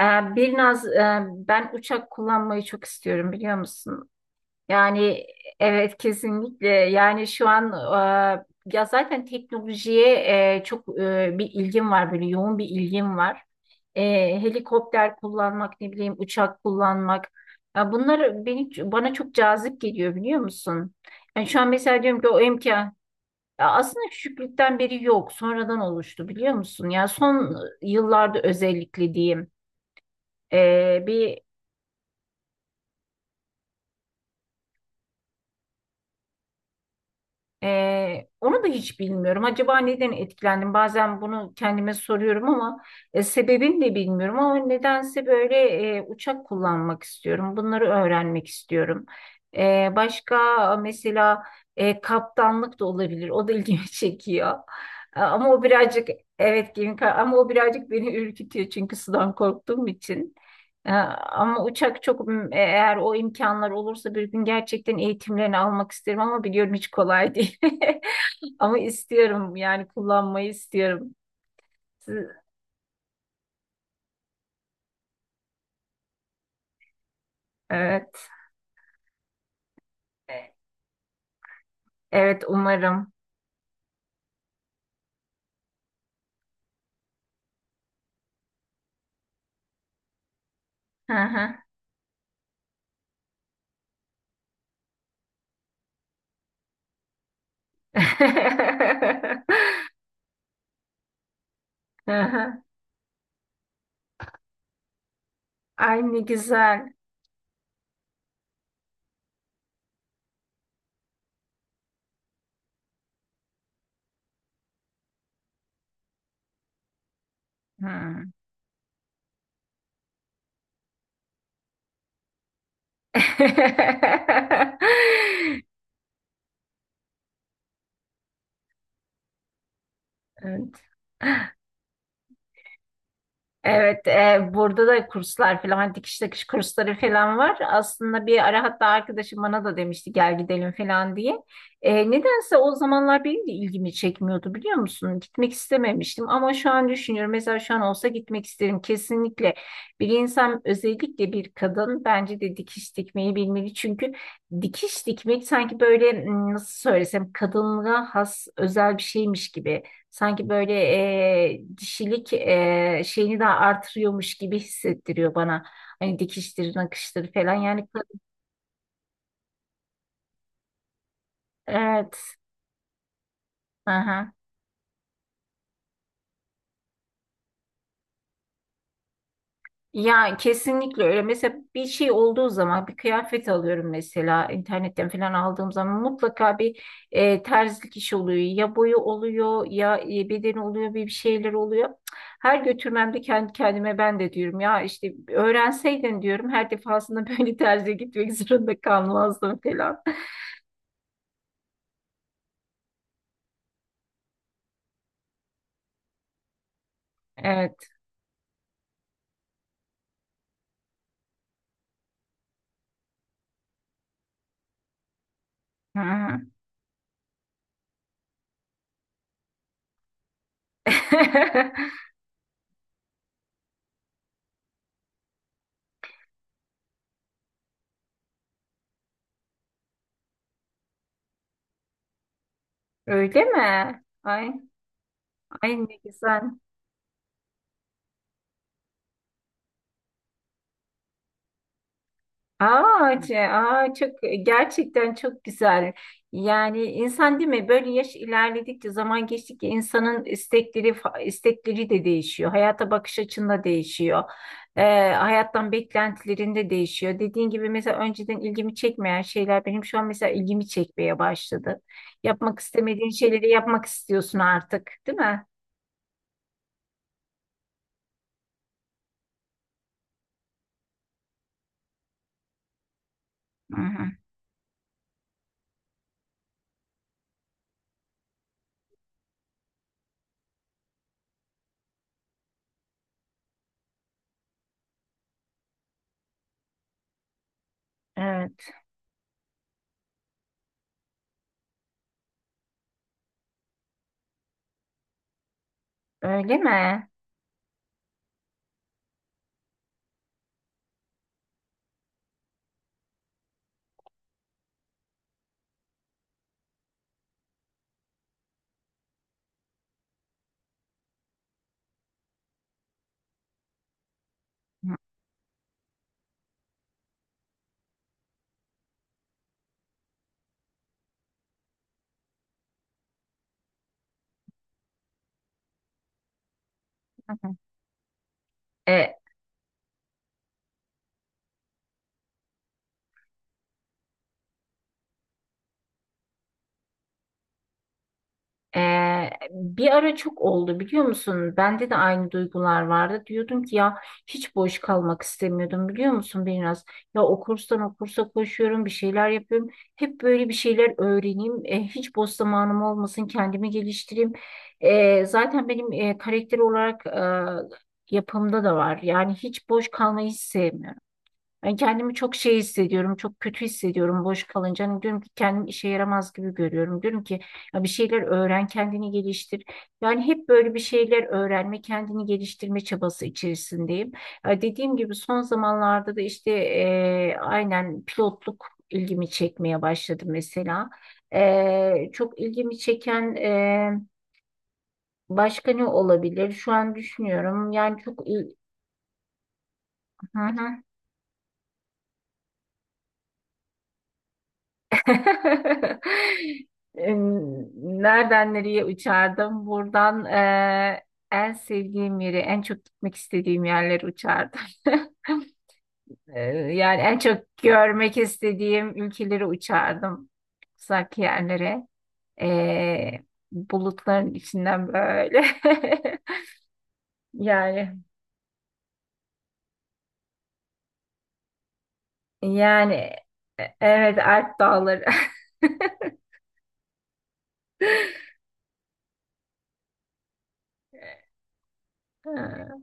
Ee, Birnaz, ben uçak kullanmayı çok istiyorum biliyor musun? Yani evet, kesinlikle. Yani şu an ya zaten teknolojiye bir ilgim var, böyle yoğun bir ilgim var. E, Helikopter kullanmak, ne bileyim, uçak kullanmak. Ya bunlar beni, bana çok cazip geliyor biliyor musun? Yani şu an mesela diyorum ki o imkan, ya aslında küçüklükten beri yok, sonradan oluştu biliyor musun? Ya son yıllarda özellikle diyeyim. Bir Onu da hiç bilmiyorum. Acaba neden etkilendim? Bazen bunu kendime soruyorum ama sebebini de bilmiyorum. Ama nedense böyle uçak kullanmak istiyorum. Bunları öğrenmek istiyorum. Başka mesela kaptanlık da olabilir. O da ilgimi çekiyor. Ama o birazcık, evet, gemi ama o birazcık beni ürkütüyor, çünkü sudan korktuğum için. Ama uçak çok, eğer o imkanlar olursa bir gün gerçekten eğitimlerini almak isterim ama biliyorum hiç kolay değil. Ama istiyorum, yani kullanmayı istiyorum. Siz- Evet. Evet, umarım. Hı hı. Hı hı. Ay, ne güzel. Hı. Evet. Evet, burada da kurslar falan, hani dikiş takış kursları falan var. Aslında bir ara hatta arkadaşım bana da demişti gel gidelim falan diye. Nedense o zamanlar benim de ilgimi çekmiyordu biliyor musun? Gitmek istememiştim ama şu an düşünüyorum. Mesela şu an olsa gitmek isterim kesinlikle. Bir insan, özellikle bir kadın, bence de dikiş dikmeyi bilmeli. Çünkü dikiş dikmek sanki böyle, nasıl söylesem, kadınlığa has özel bir şeymiş gibi. Sanki böyle dişilik şeyini de artırıyormuş gibi hissettiriyor bana. Hani dikiştir, nakıştır falan. Yani evet. Aha. Ya kesinlikle öyle. Mesela bir şey olduğu zaman, bir kıyafet alıyorum mesela internetten falan aldığım zaman, mutlaka bir terzilik işi oluyor. Ya boyu oluyor, ya bedeni oluyor, bir şeyler oluyor. Cık, her götürmemde kendi kendime ben de diyorum ya işte öğrenseydin diyorum her defasında böyle terziye gitmek zorunda kalmazdım falan. Evet. Ha. Öyle mi? Ay, ay ne güzel. Aa, aa, çok gerçekten çok güzel. Yani insan değil mi? Böyle yaş ilerledikçe, zaman geçtikçe insanın istekleri istekleri de değişiyor. Hayata bakış açında değişiyor. Ee, Hayattan beklentilerinde değişiyor. Dediğin gibi, mesela önceden ilgimi çekmeyen şeyler benim şu an mesela ilgimi çekmeye başladı. Yapmak istemediğin şeyleri yapmak istiyorsun artık, değil mi? Hı hı. Evet. Öyle mi? Hı hı. E, Bir ara çok oldu biliyor musun? Bende de aynı duygular vardı. Diyordum ki ya, hiç boş kalmak istemiyordum biliyor musun biraz? Ya o kurstan o kursa koşuyorum, bir şeyler yapıyorum. Hep böyle bir şeyler öğreneyim. Hiç boş zamanım olmasın, kendimi geliştireyim. Zaten benim karakter olarak yapımda da var. Yani hiç boş kalmayı hiç sevmiyorum. Ben kendimi çok şey hissediyorum, çok kötü hissediyorum boş kalınca. Hani diyorum ki kendim işe yaramaz gibi görüyorum. Diyorum ki ya bir şeyler öğren, kendini geliştir. Yani hep böyle bir şeyler öğrenme, kendini geliştirme çabası içerisindeyim. Ya dediğim gibi son zamanlarda da işte aynen pilotluk ilgimi çekmeye başladı mesela. Çok ilgimi çeken başka ne olabilir? Şu an düşünüyorum. Yani çok il... Hı hı. Em, Nereden nereye uçardım? Buradan en sevdiğim yeri, en çok gitmek istediğim yerleri uçardım. Eee, Yani en çok görmek istediğim ülkeleri uçardım. Uzak yerlere. Eee, Bulutların içinden böyle. Yani, yani, evet, Alp dağları.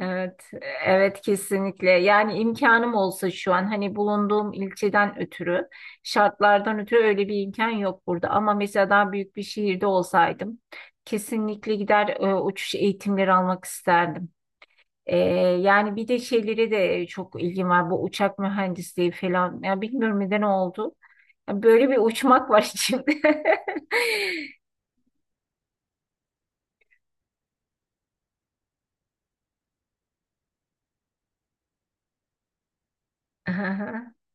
Evet, evet kesinlikle. Yani imkanım olsa, şu an hani bulunduğum ilçeden ötürü, şartlardan ötürü öyle bir imkan yok burada. Ama mesela daha büyük bir şehirde olsaydım kesinlikle gider uçuş eğitimleri almak isterdim. E, Yani bir de şeylere de çok ilgim var. Bu uçak mühendisliği falan. Ya bilmiyorum neden oldu. Ya böyle bir uçmak var içimde.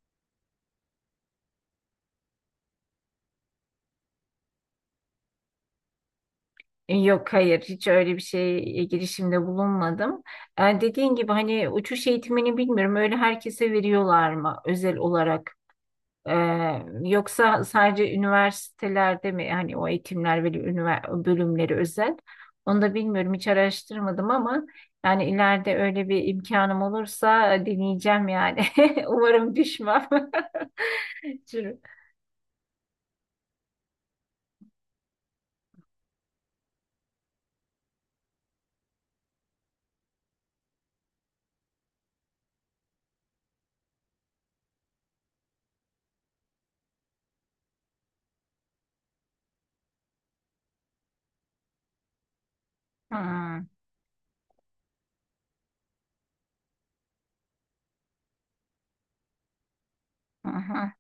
Yok, hayır, hiç öyle bir şeye girişimde bulunmadım. Dediğin gibi hani uçuş eğitimini bilmiyorum, öyle herkese veriyorlar mı özel olarak? Yoksa sadece üniversitelerde mi hani o eğitimler ve bölümleri özel? Onu da bilmiyorum, hiç araştırmadım ama yani ileride öyle bir imkanım olursa deneyeceğim yani. Umarım düşmem. Çünkü- Hmm, hı hı.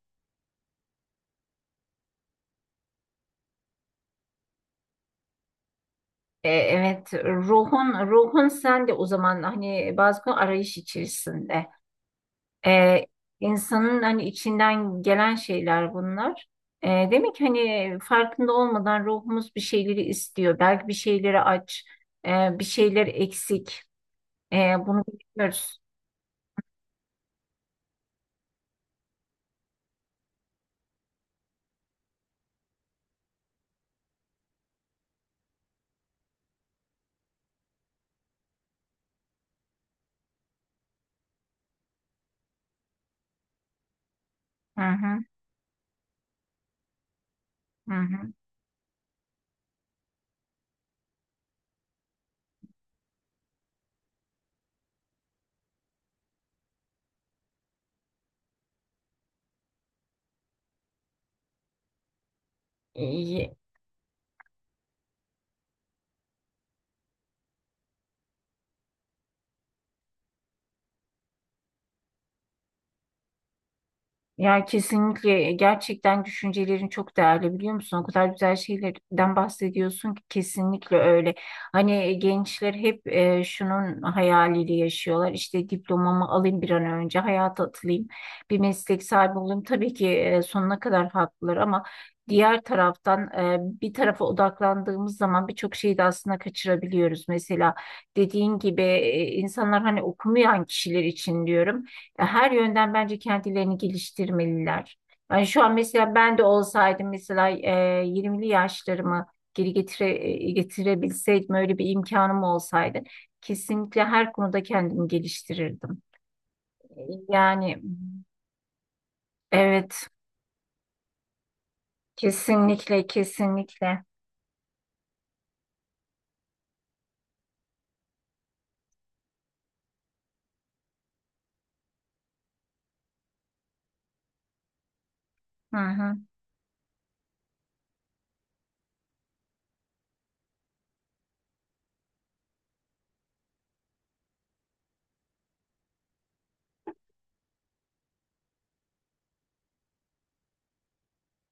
Evet, ruhun sen de o zaman hani bazı konu arayış içerisinde. E, insanın hani içinden gelen şeyler bunlar. Demek ki hani farkında olmadan ruhumuz bir şeyleri istiyor. Belki bir şeyleri aç, bir şeyler eksik. Bunu bilmiyoruz. Hı hı, hı hı. Ya kesinlikle, gerçekten düşüncelerin çok değerli biliyor musun? O kadar güzel şeylerden bahsediyorsun ki, kesinlikle öyle. Hani gençler hep şunun hayaliyle yaşıyorlar. İşte diplomamı alayım bir an önce, hayata atılayım, bir meslek sahibi olayım. Tabii ki sonuna kadar haklılar ama diğer taraftan, bir tarafa odaklandığımız zaman birçok şeyi de aslında kaçırabiliyoruz. Mesela dediğin gibi, insanlar, hani okumayan kişiler için diyorum, her yönden bence kendilerini geliştirmeliler. Yani şu an mesela ben de olsaydım, mesela 20'li yaşlarımı geri getire, getirebilseydim, öyle bir imkanım olsaydı kesinlikle her konuda kendimi geliştirirdim. Yani evet, kesinlikle, kesinlikle. Hı hı.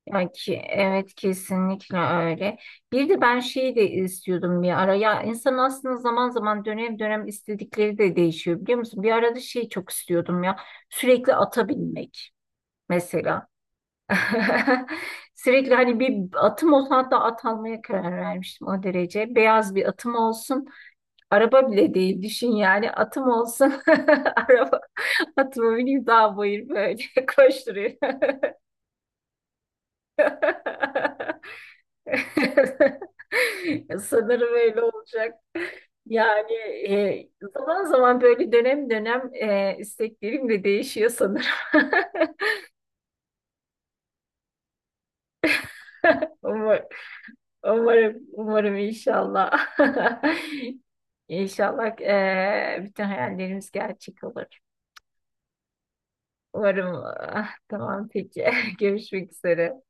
Yani ki evet, kesinlikle öyle. Bir de ben şeyi de istiyordum bir ara. Ya insan aslında zaman zaman, dönem dönem istedikleri de değişiyor biliyor musun? Bir arada şey çok istiyordum ya. Sürekli ata binmek mesela. Sürekli hani bir atım olsun, hatta at almaya karar vermiştim o derece. Beyaz bir atım olsun. Araba bile değil düşün, yani atım olsun. Araba, atıma bineyim, dağ bayır böyle koşturuyor. Sanırım öyle olacak. Yani e, zaman zaman böyle, dönem dönem isteklerim de değişiyor sanırım. Umar- Umarım, umarım inşallah. İnşallah bütün hayallerimiz gerçek olur. Umarım. Ah, tamam peki. Görüşmek üzere.